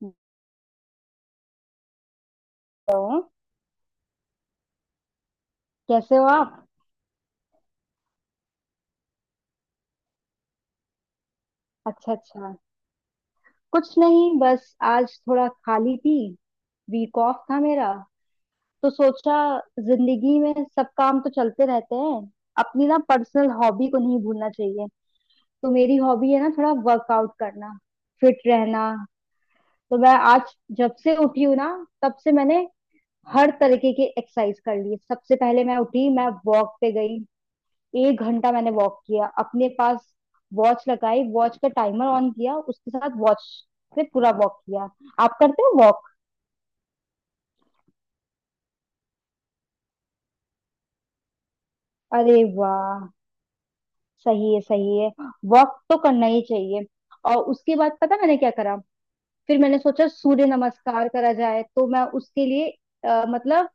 तो कैसे हो आप। अच्छा अच्छा, कुछ नहीं, बस आज थोड़ा खाली थी। वीक ऑफ था मेरा, तो सोचा जिंदगी में सब काम तो चलते रहते हैं, अपनी ना पर्सनल हॉबी को नहीं भूलना चाहिए। तो मेरी हॉबी है ना थोड़ा वर्कआउट करना, फिट रहना। तो मैं आज जब से उठी हूँ ना, तब से मैंने हर तरीके की एक्सरसाइज कर ली। सबसे पहले मैं उठी, मैं वॉक पे गई, एक घंटा मैंने वॉक किया। अपने पास वॉच लगाई, वॉच का टाइमर ऑन किया, उसके साथ वॉच से पूरा वॉक किया। आप करते हो वॉक? अरे वाह, सही है सही है, वॉक तो करना ही चाहिए। और उसके बाद पता मैंने क्या करा, फिर मैंने सोचा सूर्य नमस्कार करा जाए। तो मैं उसके लिए मतलब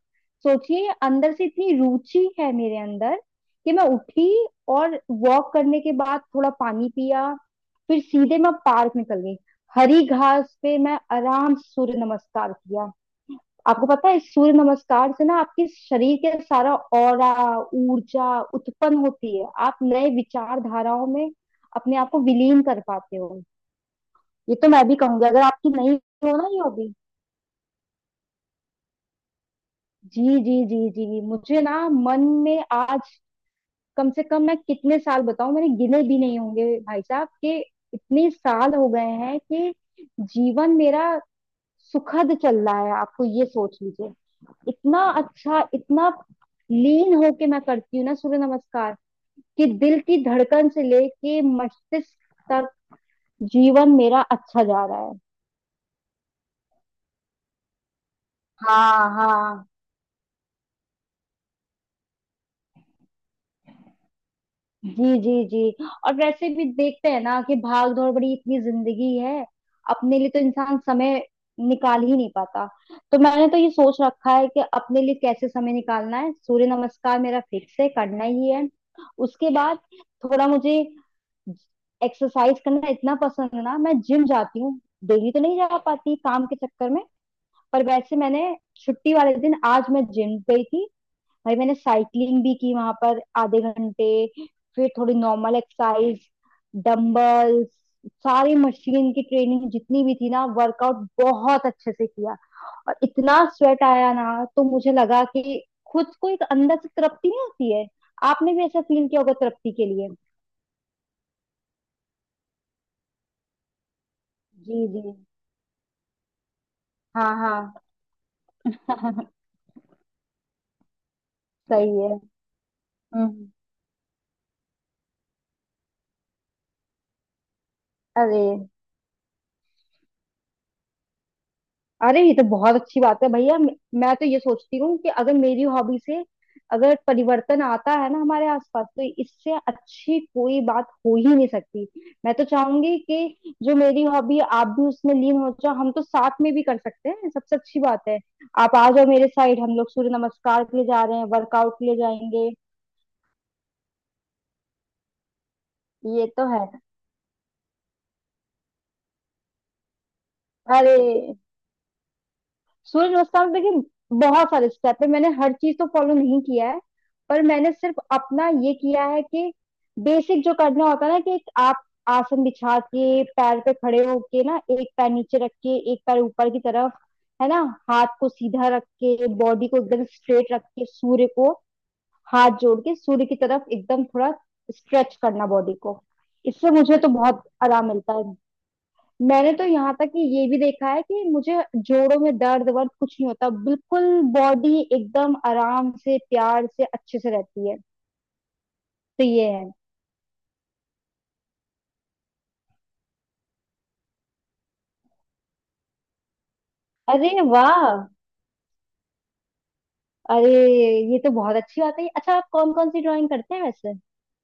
सोचिए, अंदर से इतनी रुचि है मेरे अंदर कि मैं उठी और वॉक करने के बाद थोड़ा पानी पिया, फिर सीधे मैं पार्क निकल गई। हरी घास पे मैं आराम से सूर्य नमस्कार किया। आपको पता है इस सूर्य नमस्कार से ना आपके शरीर के सारा ऑरा, ऊर्जा उत्पन्न होती है। आप नए विचारधाराओं में अपने आप को विलीन कर पाते हो। ये तो मैं भी कहूंगी, अगर आपकी नहीं हो ना ये हॉबी। जी जी जी जी, मुझे ना मन में आज, कम से कम मैं कितने साल बताऊं, मैंने गिने भी नहीं होंगे भाई साहब, कि इतने साल हो गए हैं कि जीवन मेरा सुखद चल रहा है, आपको ये सोच लीजिए। इतना अच्छा, इतना लीन होके मैं करती हूँ ना सूर्य नमस्कार, कि दिल की धड़कन से लेके मस्तिष्क तक जीवन मेरा अच्छा जा रहा है। हाँ हाँ। जी जी जी, और वैसे भी देखते हैं ना कि भाग दौड़ बड़ी इतनी जिंदगी है, अपने लिए तो इंसान समय निकाल ही नहीं पाता। तो मैंने तो ये सोच रखा है कि अपने लिए कैसे समय निकालना है। सूर्य नमस्कार मेरा फिक्स है, करना ही है। उसके बाद थोड़ा मुझे एक्सरसाइज करना इतना पसंद है ना, मैं जिम जाती हूँ, डेली तो नहीं जा पाती काम के चक्कर में, पर वैसे मैंने छुट्टी वाले दिन आज मैं जिम गई थी भाई। मैंने साइकिलिंग भी की वहां पर आधे घंटे, फिर थोड़ी नॉर्मल एक्सरसाइज, डंबल्स, सारी मशीन की ट्रेनिंग जितनी भी थी ना, वर्कआउट बहुत अच्छे से किया। और इतना स्वेट आया ना, तो मुझे लगा कि खुद को एक अंदर से तृप्ति नहीं होती है। आपने भी ऐसा फील किया होगा तृप्ति के लिए। जी जी, हाँ हाँ। सही है। हम्म। अरे, अरे ये तो बहुत अच्छी बात है भैया। मैं तो ये सोचती हूँ कि अगर मेरी हॉबी से, अगर परिवर्तन आता है ना हमारे आसपास, तो इससे अच्छी कोई बात हो ही नहीं सकती। मैं तो चाहूंगी कि जो मेरी हॉबी है, आप भी उसमें लीन हो जाओ। हम तो साथ में भी कर सकते हैं, सबसे अच्छी बात है। आप आ जाओ मेरे साइड, हम लोग सूर्य नमस्कार के लिए जा रहे हैं, वर्कआउट के लिए जाएंगे। ये तो है। अरे, सूर्य नमस्कार में देखिए बहुत सारे स्टेप है, मैंने हर चीज तो फॉलो नहीं किया है, पर मैंने सिर्फ अपना ये किया है कि बेसिक जो करना होता है ना, कि एक आप आसन बिछा के पैर पे खड़े होके ना, एक पैर नीचे रख के एक पैर ऊपर की तरफ, है ना। हाथ को सीधा रख के, बॉडी को एकदम स्ट्रेट रख के, सूर्य को हाथ जोड़ के सूर्य की तरफ एकदम थोड़ा स्ट्रेच करना बॉडी को। इससे मुझे तो बहुत आराम मिलता है। मैंने तो यहाँ तक कि ये भी देखा है कि मुझे जोड़ों में दर्द वर्द कुछ नहीं होता बिल्कुल। बॉडी एकदम आराम से, प्यार से, अच्छे से रहती है। तो ये है। अरे वाह, अरे ये तो बहुत अच्छी बात है। अच्छा आप कौन कौन सी ड्राइंग करते हैं वैसे,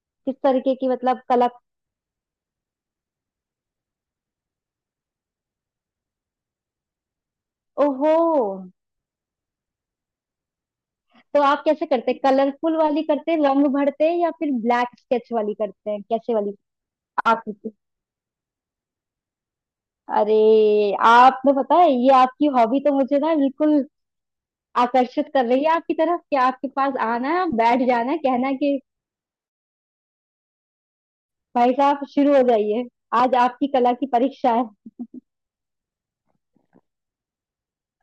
किस तरीके की, मतलब कला? ओहो, तो आप कैसे करते हैं, कलरफुल वाली करते हैं, रंग भरते हैं, या फिर ब्लैक स्केच वाली करते हैं, कैसे वाली? आकृति। अरे, आपने पता है ये आपकी हॉबी तो मुझे ना बिल्कुल आकर्षित कर रही है आपकी तरफ, कि आपके पास आना है, आप बैठ जाना है, कहना है कि भाई साहब शुरू हो जाइए, आज आपकी कला की परीक्षा है।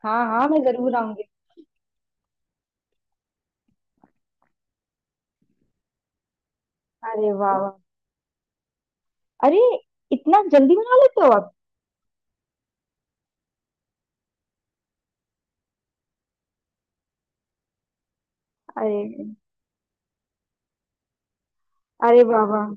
हाँ हाँ, मैं जरूर आऊंगी। अरे वाह वाह, अरे इतना जल्दी बना लेते हो आप? अरे, अरे वाह वाह,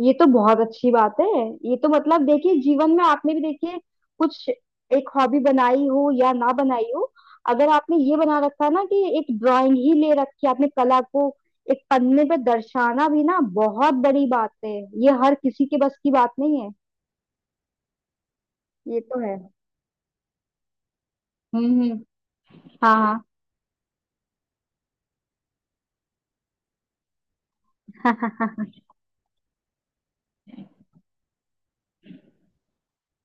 ये तो बहुत अच्छी बात है। ये तो मतलब देखिए, जीवन में आपने भी देखिए कुछ एक हॉबी बनाई हो या ना बनाई हो, अगर आपने ये बना रखा ना कि एक ड्राइंग ही ले रखी, आपने कला को एक पन्ने पर दर्शाना भी ना बहुत बड़ी बात है। ये हर किसी के बस की बात नहीं है। ये तो है। हम्म हम्म, हाँ हाँ।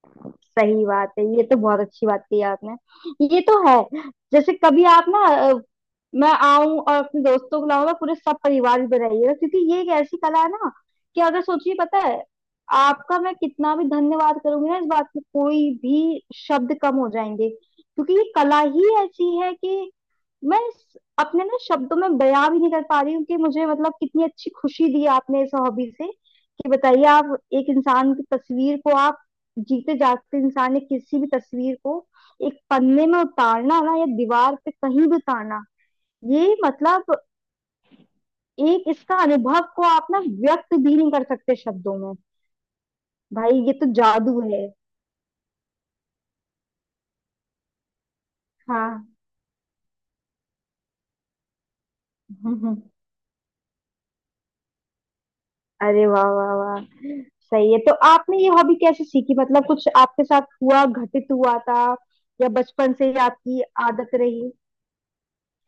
सही बात है, ये तो बहुत अच्छी बात की आपने। ये तो है। जैसे कभी आप ना, मैं आऊं और अपने दोस्तों को लाऊंगा, पूरे सब परिवार भी बनाइएगा, क्योंकि ये एक ऐसी कला है ना, कि अगर सोचिए पता है, आपका मैं कितना भी धन्यवाद करूंगी ना, इस बात के कोई भी शब्द कम हो जाएंगे, क्योंकि ये कला ही ऐसी है कि अपने ना शब्दों में बयां भी नहीं कर पा रही हूँ कि मुझे, मतलब कितनी अच्छी खुशी दी आपने इस हॉबी से। कि बताइए आप, एक इंसान की तस्वीर को आप, जीते जागते इंसान ने किसी भी तस्वीर को एक पन्ने में उतारना ना, या दीवार पे कहीं भी उतारना, ये मतलब एक इसका अनुभव को आप ना व्यक्त भी नहीं कर सकते शब्दों में। भाई ये तो जादू है। हाँ। अरे वाह वाह वाह, सही है। तो आपने ये हॉबी कैसे सीखी, मतलब कुछ आपके साथ हुआ, घटित हुआ था, या बचपन से ही आपकी आदत रही?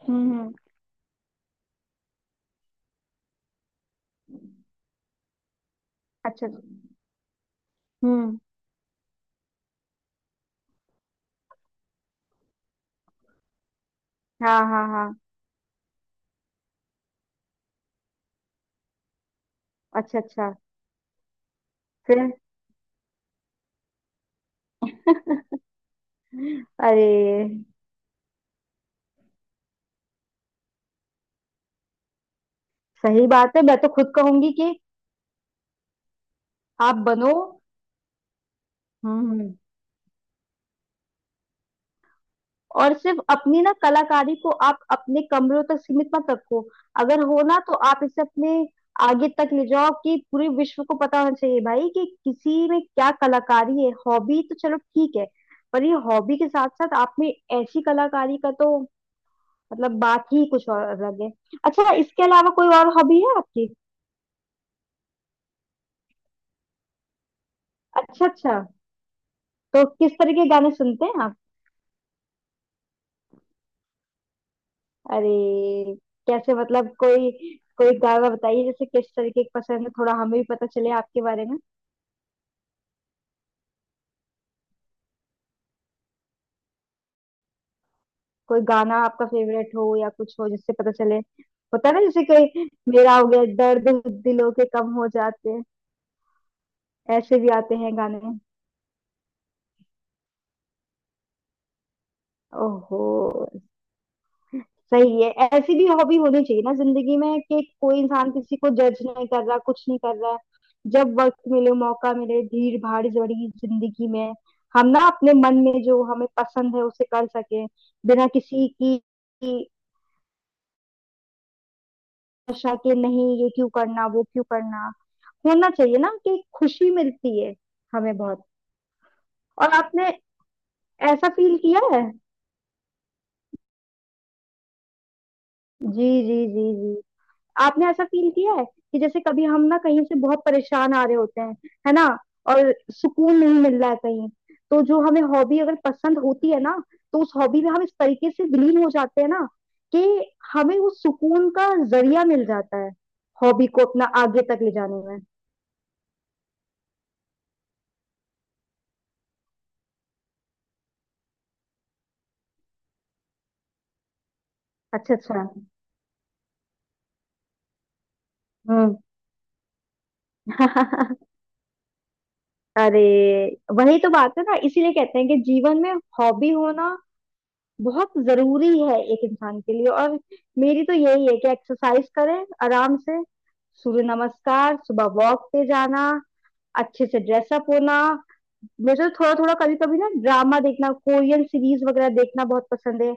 हम्म हम्म, अच्छा। हम्म। हाँ हाँ हाँ। अच्छा अच्छा। फिर? अरे। सही बात है, मैं तो खुद कहूंगी कि आप बनो। हम्म। और सिर्फ अपनी ना कलाकारी को आप अपने कमरों तक सीमित मत रखो, अगर हो ना तो आप इसे अपने आगे तक ले जाओ, कि पूरे विश्व को पता होना चाहिए भाई कि किसी में क्या कलाकारी है। हॉबी तो चलो ठीक है, पर ये हॉबी के साथ साथ आप में ऐसी कलाकारी का तो, मतलब बात ही कुछ और अलग है। अच्छा, इसके अलावा कोई और हॉबी है आपकी? अच्छा अच्छा, तो किस तरह के गाने सुनते हैं आप? अरे, कैसे मतलब, कोई कोई गाना बताइए, जैसे किस तरीके की पसंद है, थोड़ा हमें भी पता चले आपके बारे में। कोई गाना आपका फेवरेट हो, या कुछ हो जिससे पता चले। होता है ना जैसे कोई, मेरा हो गया दर्द दिलों के कम हो जाते हैं, ऐसे भी आते हैं गाने। ओहो, सही है। ऐसी भी हॉबी होनी चाहिए ना जिंदगी में, कि कोई इंसान किसी को जज नहीं कर रहा, कुछ नहीं कर रहा है। जब वक्त मिले, मौका मिले, भीड़ भाड़ भरी जिंदगी में हम ना अपने मन में जो हमें पसंद है उसे कर सके, बिना किसी की आशा के, नहीं ये क्यों करना, वो क्यों करना। होना चाहिए ना, कि खुशी मिलती है हमें बहुत। और आपने ऐसा फील किया है? जी जी जी जी, आपने ऐसा फील किया है कि जैसे कभी हम ना कहीं से बहुत परेशान आ रहे होते हैं, है ना, और सुकून नहीं मिल रहा है कहीं, तो जो हमें हॉबी अगर पसंद होती है ना, तो उस हॉबी में हम इस तरीके से विलीन हो जाते हैं ना, कि हमें उस सुकून का जरिया मिल जाता है, हॉबी को अपना आगे तक ले जाने में। अच्छा अच्छा। हम्म। अरे, वही तो बात है ना, इसीलिए कहते हैं कि जीवन में हॉबी होना बहुत जरूरी है एक इंसान के लिए। और मेरी तो यही है कि एक्सरसाइज करें आराम से, सूर्य नमस्कार, सुबह वॉक पे जाना, अच्छे से ड्रेसअप होना। मुझे थोड़ा थोड़ा कभी कभी ना ड्रामा देखना, कोरियन सीरीज वगैरह देखना बहुत पसंद है,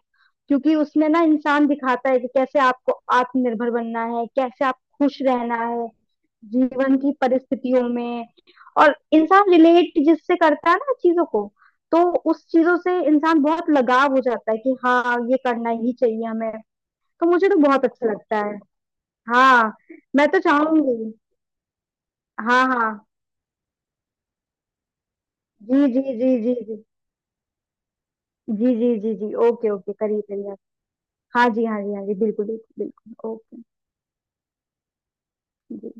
क्योंकि उसमें ना इंसान दिखाता है कि कैसे आपको आत्मनिर्भर बनना है, कैसे आप खुश रहना है जीवन की परिस्थितियों में। और इंसान रिलेट जिससे करता है ना चीजों को, तो उस चीजों से इंसान बहुत लगाव हो जाता है, कि हाँ ये करना ही चाहिए हमें। तो मुझे तो बहुत अच्छा लगता है। हाँ। मैं तो चाहूंगी। हाँ हाँ। जी जी जी जी जी। जी जी जी जी ओके ओके, करिए करिए आप। हाँ जी, हाँ जी, हाँ जी, बिल्कुल बिल्कुल बिल्कुल ओके। जी।